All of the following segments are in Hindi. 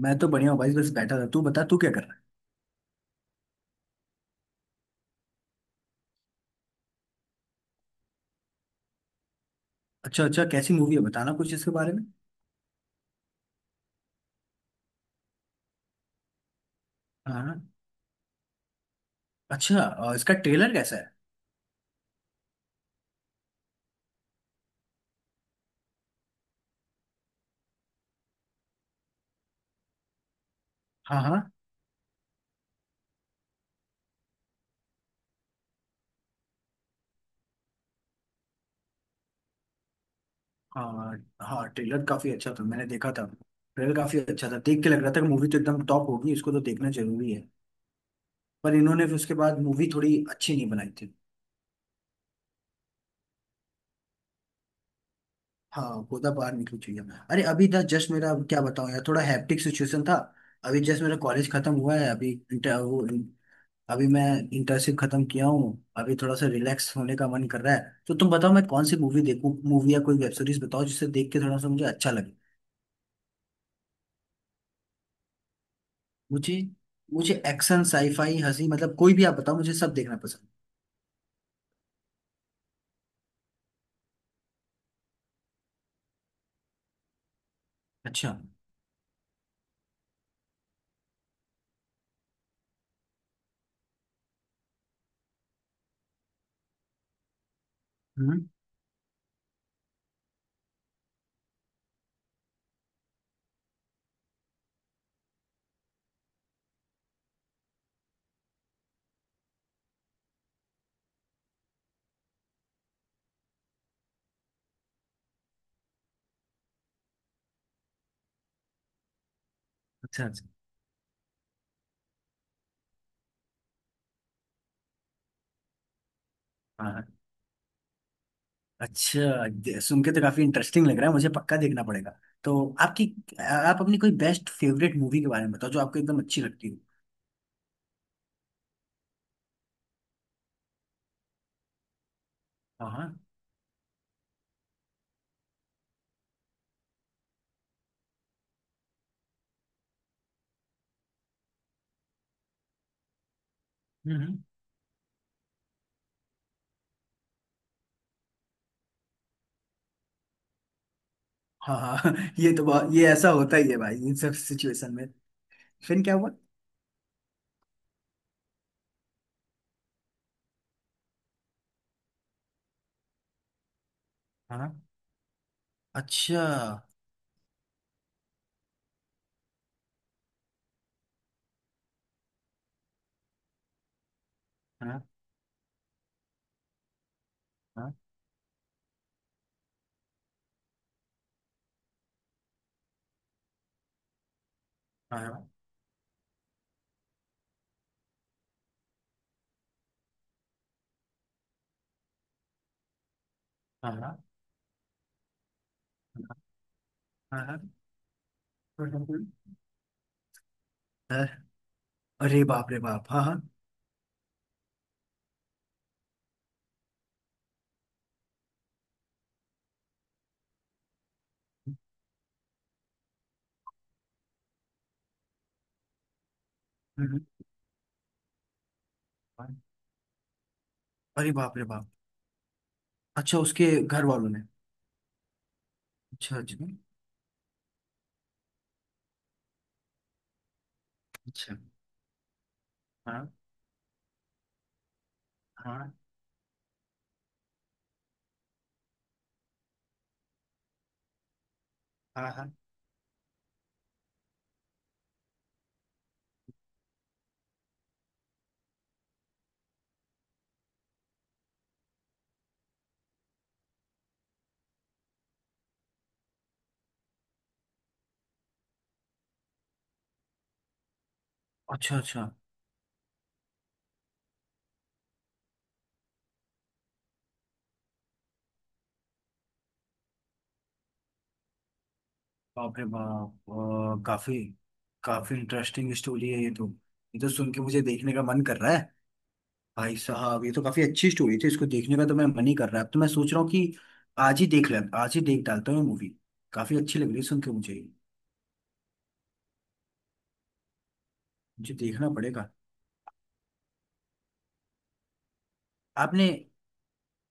मैं तो बढ़िया हूँ भाई। बस बैठा था, तू बता तू क्या कर रहा है। अच्छा अच्छा, कैसी मूवी है बताना कुछ इसके बारे में। हाँ। अच्छा, इसका ट्रेलर कैसा है। हाँ हाँ। हाँ हाँ, ट्रेलर काफी अच्छा था मैंने देखा था। ट्रेलर काफी अच्छा था, देख के लग रहा था कि मूवी तो एकदम टॉप होगी, इसको तो देखना जरूरी है। पर इन्होंने फिर उसके बाद मूवी थोड़ी अच्छी नहीं बनाई थी। हाँ, गोदा बाहर निकली चाहिए। अरे अभी था जस्ट, मेरा क्या बताऊँ यार, थोड़ा हैप्टिक सिचुएशन था। अभी जस्ट मेरा कॉलेज खत्म हुआ है, अभी इंटर वो, अभी मैं इंटर्नशिप खत्म किया हूँ। अभी थोड़ा सा रिलैक्स होने का मन कर रहा है। तो तुम बताओ, मैं कौन सी मूवी देखूँ, मूवी या कोई वेब सीरीज बताओ जिसे देख के थोड़ा सा मुझे अच्छा लगे। मुझे मुझे एक्शन साईफाई हंसी, मतलब कोई भी आप बताओ, मुझे सब देखना पसंद है। अच्छा। हम्म। अच्छा अच्छा। हाँ। अच्छा, सुन के तो काफी इंटरेस्टिंग लग रहा है, मुझे पक्का देखना पड़ेगा। तो आपकी आप अपनी कोई बेस्ट फेवरेट मूवी के बारे में बताओ जो आपको एकदम अच्छी लगती हो। हाँ हाँ। हम्म हम्म। हाँ हाँ। ये तो बहुत, ये ऐसा होता ही है भाई इन सब सिचुएशन में। फिर क्या हुआ। हाँ। अच्छा। हाँ हाँ। हाँ हाँ। हाँ हाँ। हाँ, हाँ। बिल्कुल। हाँ। अरे बाप रे बाप, हाँ हाँ। हम्म, हम्म, अरे बाप रे बाप। अच्छा उसके घर वालों ने। अच्छा अच्छा। अच्छा। हाँ। हाँ। हाँ हाँ। अच्छा अच्छा। बाप रे बाप। काफी। काफी इंटरेस्टिंग स्टोरी है ये तो। ये तो सुन के मुझे देखने का मन कर रहा है। भाई साहब ये तो काफी अच्छी स्टोरी थी, इसको देखने का तो मैं मन ही कर रहा है। अब तो मैं सोच रहा हूँ कि आज ही देख ले, आज ही देख डालता हूँ मूवी। काफी अच्छी लग रही है सुन के मुझे ये। मुझे देखना पड़ेगा। आपने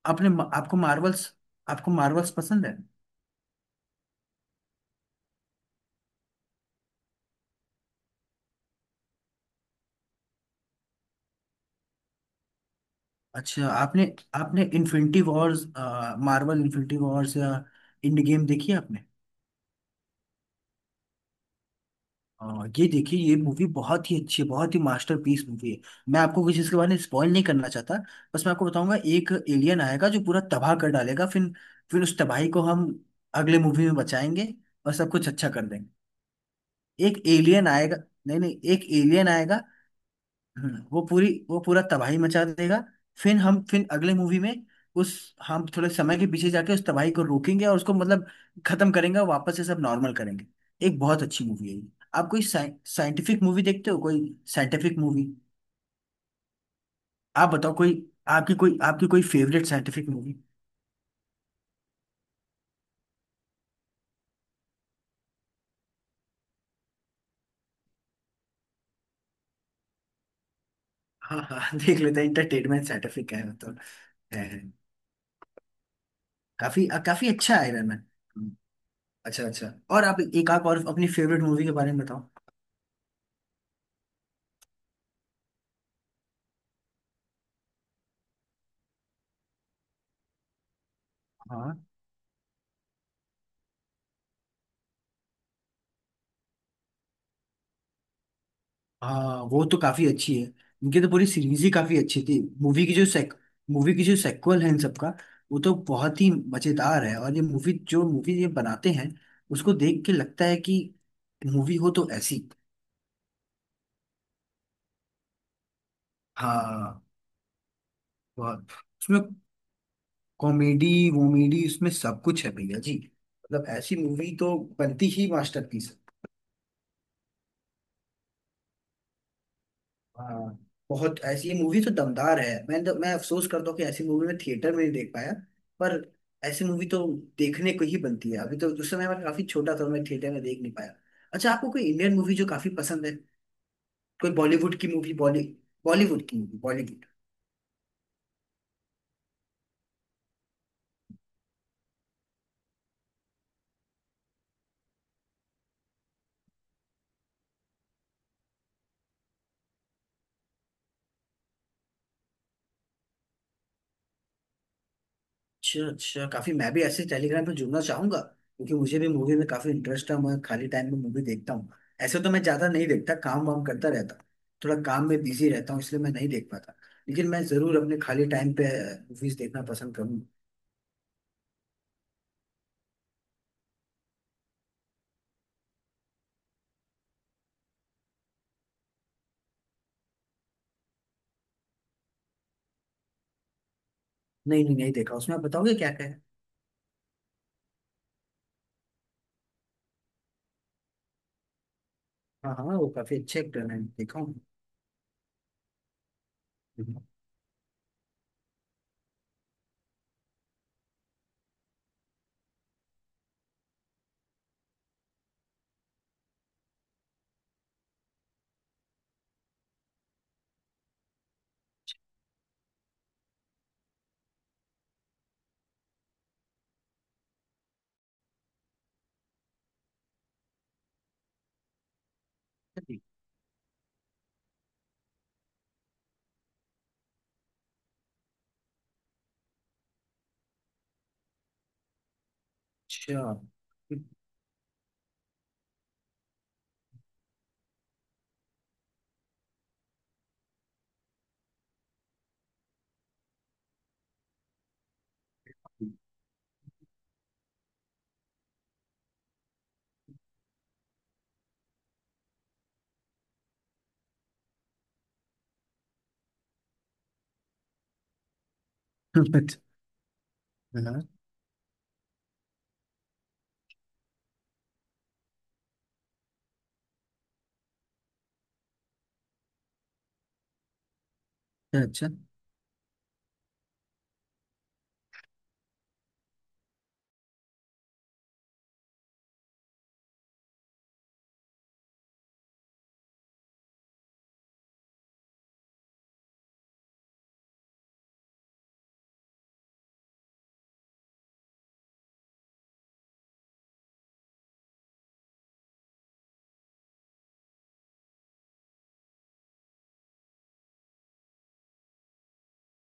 आपने आपको मार्वल्स पसंद है। अच्छा आपने आपने Infinity Wars Marvel Infinity Wars या इंड गेम देखी है आपने। हाँ, ये देखिए, ये मूवी बहुत ही अच्छी है, बहुत ही मास्टरपीस मूवी है। मैं आपको कुछ इसके बारे में स्पॉइल नहीं करना चाहता। बस मैं आपको बताऊंगा, एक एलियन आएगा जो पूरा तबाह कर डालेगा, फिर उस तबाही को हम अगले मूवी में बचाएंगे और सब कुछ अच्छा कर देंगे। एक एलियन आएगा। नहीं नहीं, एक एलियन आएगा। वो पूरा तबाही मचा देगा। फिर हम फिर अगले मूवी में उस हम थोड़े समय के पीछे जाके उस तबाही को रोकेंगे और उसको मतलब खत्म करेंगे और वापस से सब नॉर्मल करेंगे। एक बहुत अच्छी मूवी है ये। आप कोई साइंटिफिक मूवी देखते हो, कोई साइंटिफिक मूवी। आप बताओ कोई, आपकी कोई फेवरेट साइंटिफिक मूवी। हाँ हाँ। देख लेते हैं, इंटरटेनमेंट साइंटिफिक है मतलब। है है। काफी अच्छा है आयरन मैन। अच्छा अच्छा। और आप और अपनी फेवरेट मूवी के बारे में बताओ। हाँ हाँ वो तो काफी अच्छी है। इनकी तो पूरी सीरीज ही काफी अच्छी थी, मूवी की जो सेक्वल है इन सबका वो तो बहुत ही मजेदार है। और ये मूवी जो मूवी ये बनाते हैं उसको देख के लगता है कि मूवी हो तो ऐसी। हाँ। बहुत। उसमें कॉमेडी वोमेडी, उसमें सब कुछ है भैया जी। मतलब ऐसी मूवी तो बनती ही मास्टरपीस। हाँ बहुत, ऐसी मूवी तो दमदार है। मैं अफसोस करता हूँ कि ऐसी मूवी मैं थिएटर में नहीं देख पाया। पर ऐसी मूवी तो देखने को ही बनती है, अभी तो उस समय मैं काफी छोटा था और मैं थिएटर में देख नहीं पाया। अच्छा, आपको कोई इंडियन मूवी जो काफी पसंद है, कोई बॉलीवुड की मूवी बॉली बॉलीवुड की मूवी बॉलीवुड। अच्छा अच्छा, काफी मैं भी ऐसे टेलीग्राम पे जुड़ना चाहूंगा क्योंकि मुझे भी मूवी में काफी इंटरेस्ट है, मैं खाली टाइम में मूवी देखता हूँ। ऐसे तो मैं ज्यादा नहीं देखता, काम वाम करता रहता हूँ। थोड़ा काम में बिजी रहता हूँ इसलिए मैं नहीं देख पाता। लेकिन मैं जरूर अपने खाली टाइम पे मूवीज देखना पसंद करूंगा। नहीं नहीं नहीं देखा, उसमें आप बताओगे क्या क्या है। हाँ हाँ, वो काफी अच्छे एक्टर हैं, देखा हूँ। अच्छा। हाँ। अच्छा।